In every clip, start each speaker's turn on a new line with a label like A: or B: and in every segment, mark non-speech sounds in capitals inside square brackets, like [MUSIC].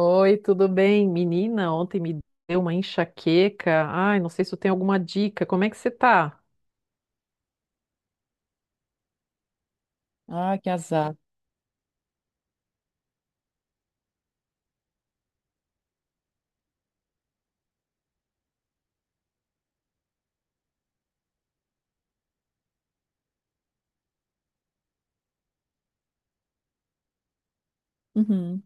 A: Oi, tudo bem? Menina, ontem me deu uma enxaqueca. Ai, não sei se tu tem alguma dica. Como é que você tá? Ah, que azar. Uhum.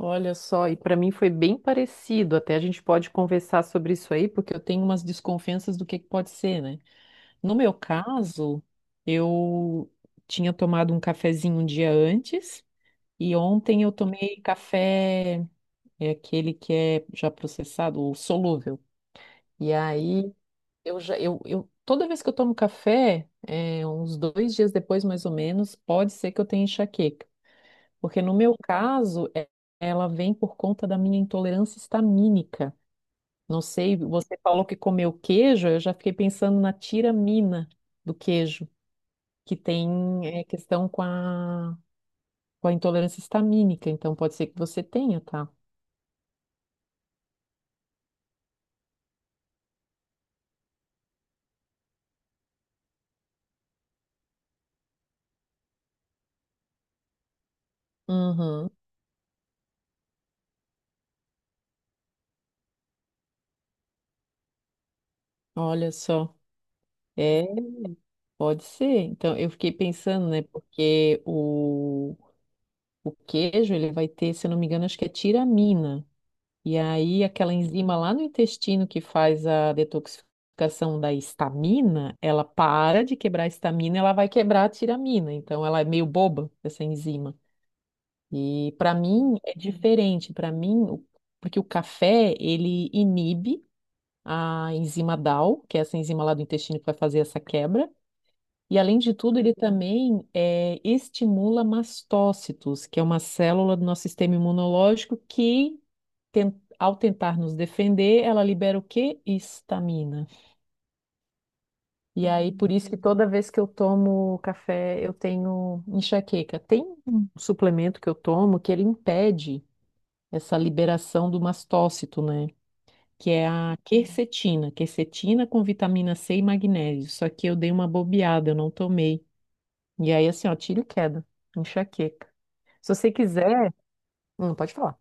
A: Olha só, e para mim foi bem parecido. Até a gente pode conversar sobre isso aí, porque eu tenho umas desconfianças do que pode ser, né? No meu caso, eu tinha tomado um cafezinho um dia antes e ontem eu tomei café, é aquele que é já processado, o solúvel. E aí, Eu já, eu, toda vez que eu tomo café, uns 2 dias depois, mais ou menos, pode ser que eu tenha enxaqueca. Porque no meu caso, ela vem por conta da minha intolerância histamínica. Não sei, você falou que comeu queijo, eu já fiquei pensando na tiramina do queijo, que tem, questão com a intolerância histamínica. Então, pode ser que você tenha, tá? Uhum. Olha só. É, pode ser. Então, eu fiquei pensando, né, porque o queijo, ele vai ter, se eu não me engano, acho que é tiramina. E aí, aquela enzima lá no intestino que faz a detoxificação da histamina, ela para de quebrar a histamina, ela vai quebrar a tiramina. Então, ela é meio boba, essa enzima. E para mim é diferente. Para mim, porque o café, ele inibe a enzima DAO, que é essa enzima lá do intestino que vai fazer essa quebra. E além de tudo, ele também estimula mastócitos, que é uma célula do nosso sistema imunológico que, ten- ao tentar nos defender, ela libera o quê? Histamina. E aí, por isso que toda vez que eu tomo café, eu tenho enxaqueca. Tem um suplemento que eu tomo que ele impede essa liberação do mastócito, né? Que é a quercetina. Quercetina com vitamina C e magnésio. Só que eu dei uma bobeada, eu não tomei. E aí, assim, ó, tiro e queda, enxaqueca. Se você quiser, pode falar.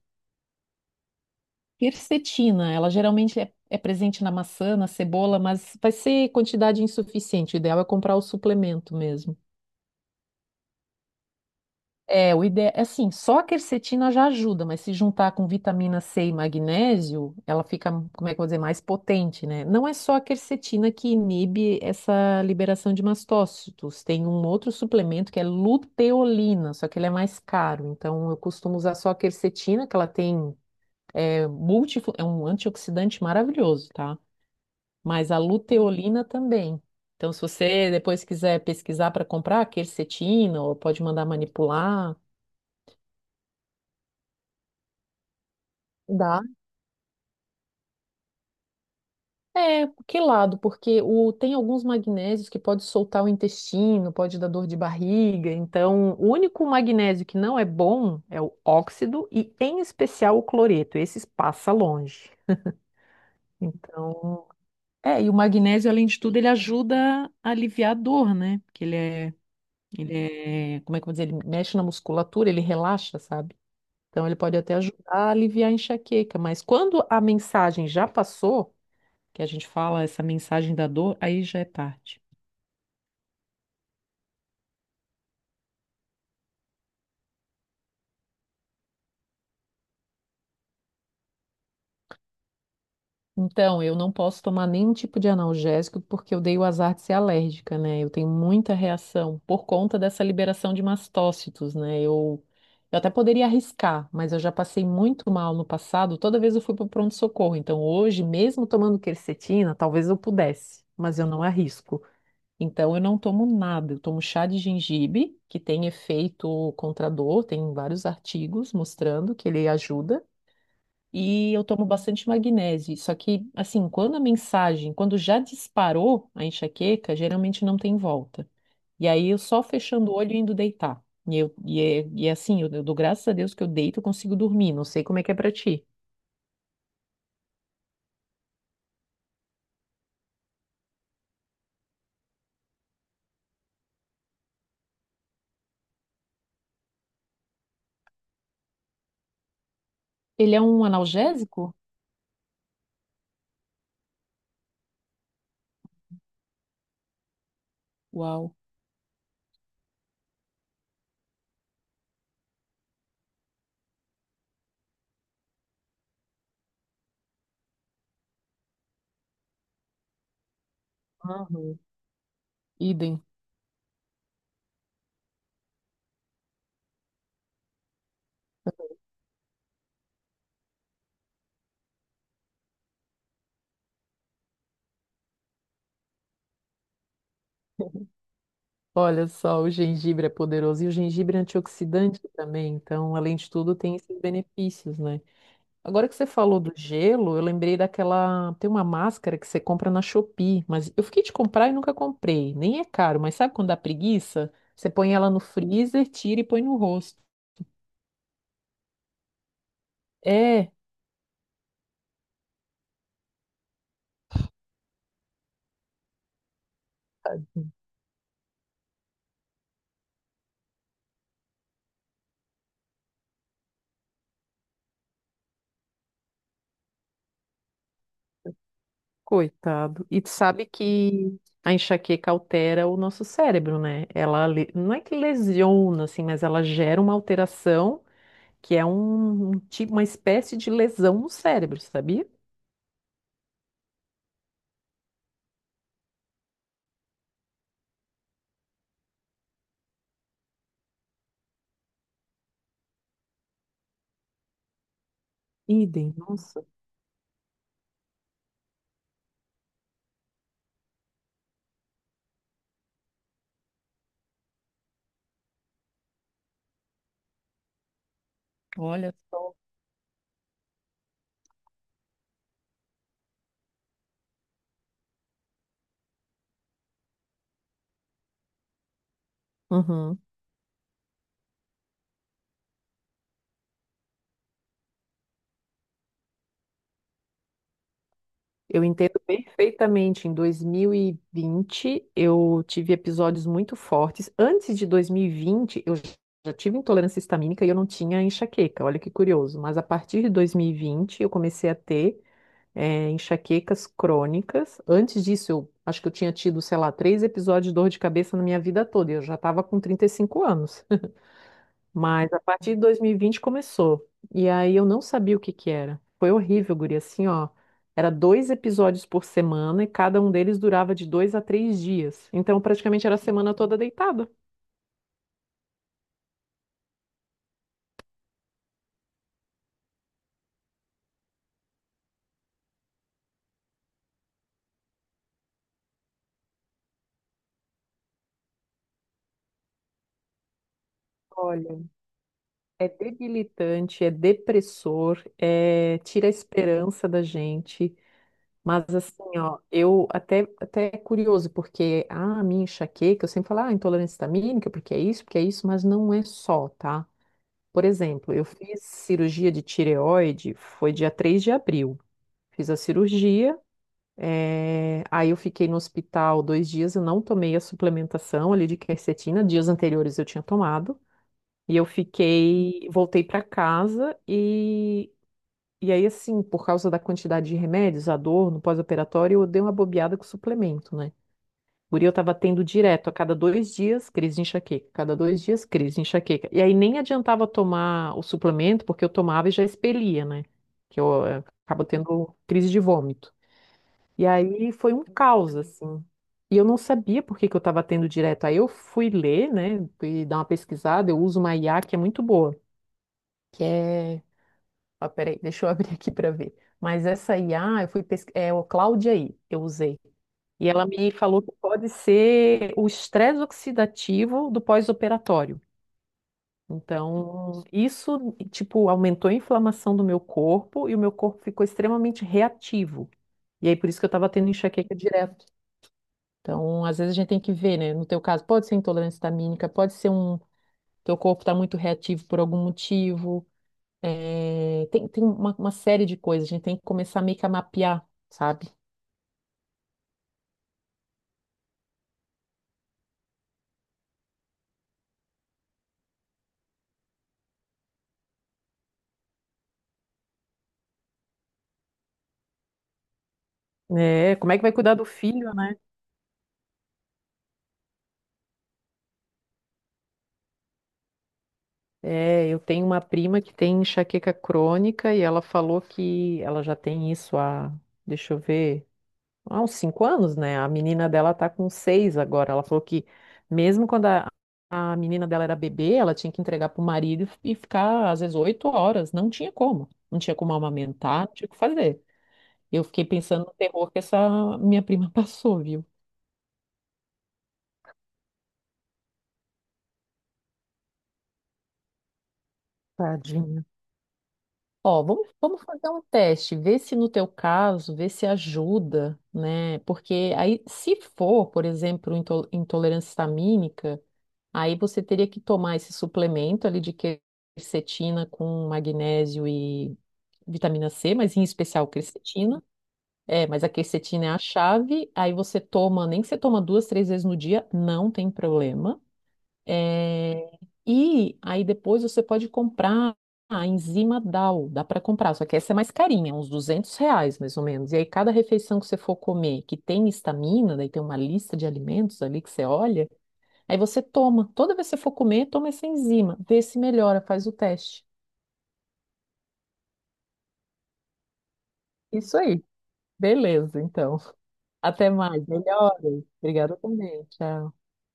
A: Quercetina, ela geralmente é presente na maçã, na cebola, mas vai ser quantidade insuficiente. O ideal é comprar o suplemento mesmo. É, o ideal é assim, só a quercetina já ajuda, mas se juntar com vitamina C e magnésio, ela fica, como é que eu vou dizer, mais potente, né? Não é só a quercetina que inibe essa liberação de mastócitos, tem um outro suplemento que é luteolina, só que ele é mais caro, então eu costumo usar só a quercetina, que ela tem é um antioxidante maravilhoso, tá? Mas a luteolina também. Então, se você depois quiser pesquisar para comprar a quercetina, ou pode mandar manipular, dá. É, que lado? Porque tem alguns magnésios que pode soltar o intestino, pode dar dor de barriga. Então, o único magnésio que não é bom é o óxido e, em especial, o cloreto. Esses passa longe. Então, e o magnésio, além de tudo, ele ajuda a aliviar a dor, né? Porque ele é, como é que eu vou dizer? Ele mexe na musculatura, ele relaxa, sabe? Então, ele pode até ajudar a aliviar a enxaqueca. Mas quando a mensagem já passou que a gente fala essa mensagem da dor, aí já é tarde. Então, eu não posso tomar nenhum tipo de analgésico porque eu dei o azar de ser alérgica, né? Eu tenho muita reação por conta dessa liberação de mastócitos, né? Eu até poderia arriscar, mas eu já passei muito mal no passado, toda vez eu fui para o pronto-socorro. Então, hoje, mesmo tomando quercetina, talvez eu pudesse, mas eu não arrisco. Então, eu não tomo nada. Eu tomo chá de gengibre, que tem efeito contra a dor, tem vários artigos mostrando que ele ajuda. E eu tomo bastante magnésio. Só que, assim, quando a mensagem, quando já disparou a enxaqueca, geralmente não tem volta. E aí eu só fechando o olho e indo deitar. E é assim, eu dou graças a Deus que eu deito e consigo dormir. Não sei como é que é pra ti. Ele é um analgésico? Uau. Aham. Idem. [LAUGHS] Olha só, o gengibre é poderoso e o gengibre é antioxidante também. Então, além de tudo, tem esses benefícios, né? Agora que você falou do gelo, eu lembrei daquela. Tem uma máscara que você compra na Shopee, mas eu fiquei de comprar e nunca comprei. Nem é caro, mas sabe quando dá preguiça? Você põe ela no freezer, tira e põe no rosto. É, coitado. E tu sabe que a enxaqueca altera o nosso cérebro, né? Ela não é que lesiona, assim, mas ela gera uma alteração que é um tipo, uma espécie de lesão no cérebro, sabia? Idem, nossa. Olha só. Uhum. Eu entendo perfeitamente. Em 2020, eu tive episódios muito fortes. Antes de 2020, eu já tive intolerância histamínica e eu não tinha enxaqueca. Olha que curioso. Mas a partir de 2020, eu comecei a ter, enxaquecas crônicas. Antes disso, eu acho que eu tinha tido, sei lá, três episódios de dor de cabeça na minha vida toda. E eu já estava com 35 anos. Mas a partir de 2020 começou. E aí eu não sabia o que que era. Foi horrível, guria. Assim, ó. Era dois episódios por semana e cada um deles durava de 2 a 3 dias. Então praticamente era a semana toda deitada. Olha, é debilitante, é depressor, tira a esperança da gente. Mas assim, ó, eu até é curioso, porque a minha enxaqueca, eu sempre falo, ah, intolerância histamínica, porque é isso, mas não é só, tá? Por exemplo, eu fiz cirurgia de tireoide, foi dia 3 de abril. Fiz a cirurgia, aí eu fiquei no hospital 2 dias, eu não tomei a suplementação ali de quercetina, dias anteriores eu tinha tomado, e eu fiquei, voltei para casa e aí assim, por causa da quantidade de remédios, a dor no pós-operatório, eu dei uma bobeada com o suplemento, né? Guri, eu tava tendo direto, a cada 2 dias, crise de enxaqueca, cada 2 dias, crise de enxaqueca. E aí nem adiantava tomar o suplemento, porque eu tomava e já expelia, né? Que eu acabo tendo crise de vômito. E aí foi um caos, assim. E eu não sabia por que que eu estava tendo direto. Aí eu fui ler, né, e dar uma pesquisada, eu uso uma IA que é muito boa. que é... Ó, peraí, deixa eu [LAUGHS] abrir aqui para ver. Mas essa IA, eu fui pesquisar, é o Cláudia aí, eu usei. E ela me falou que pode ser o estresse oxidativo do pós-operatório. Então, isso, tipo, aumentou a inflamação do meu corpo e o meu corpo ficou extremamente reativo. E aí, por isso que eu estava tendo enxaqueca direto. Então, às vezes a gente tem que ver, né? No teu caso, pode ser intolerância histamínica, pode ser teu corpo está muito reativo por algum motivo. É, tem uma série de coisas. A gente tem que começar meio que a mapear, sabe? É, como é que vai cuidar do filho, é, eu tenho uma prima que tem enxaqueca crônica e ela falou que ela já tem isso há, deixa eu ver, há uns 5 anos, né? A menina dela tá com 6 agora. Ela falou que mesmo quando a menina dela era bebê, ela tinha que entregar pro marido e ficar às vezes 8 horas. Não tinha como. Não tinha como amamentar, não tinha o que fazer. Eu fiquei pensando no terror que essa minha prima [LAUGHS] passou, viu? Tadinha. Ó, vamos fazer um teste, ver se no teu caso, ver se ajuda, né? Porque aí, se for, por exemplo, intolerância histamínica, aí você teria que tomar esse suplemento ali de quercetina com magnésio e vitamina C, mas em especial quercetina. É, mas a quercetina é a chave, aí você toma, nem que você toma duas, três vezes no dia, não tem problema. É, e aí depois você pode comprar a enzima DAO, dá para comprar, só que essa é mais carinha, uns R$ 200 mais ou menos. E aí cada refeição que você for comer que tem histamina, daí tem uma lista de alimentos ali que você olha, aí você toma. Toda vez que você for comer, toma essa enzima, vê se melhora, faz o teste. Isso aí. Beleza, então. [LAUGHS] Até mais. Melhoras. Obrigada também. Tchau.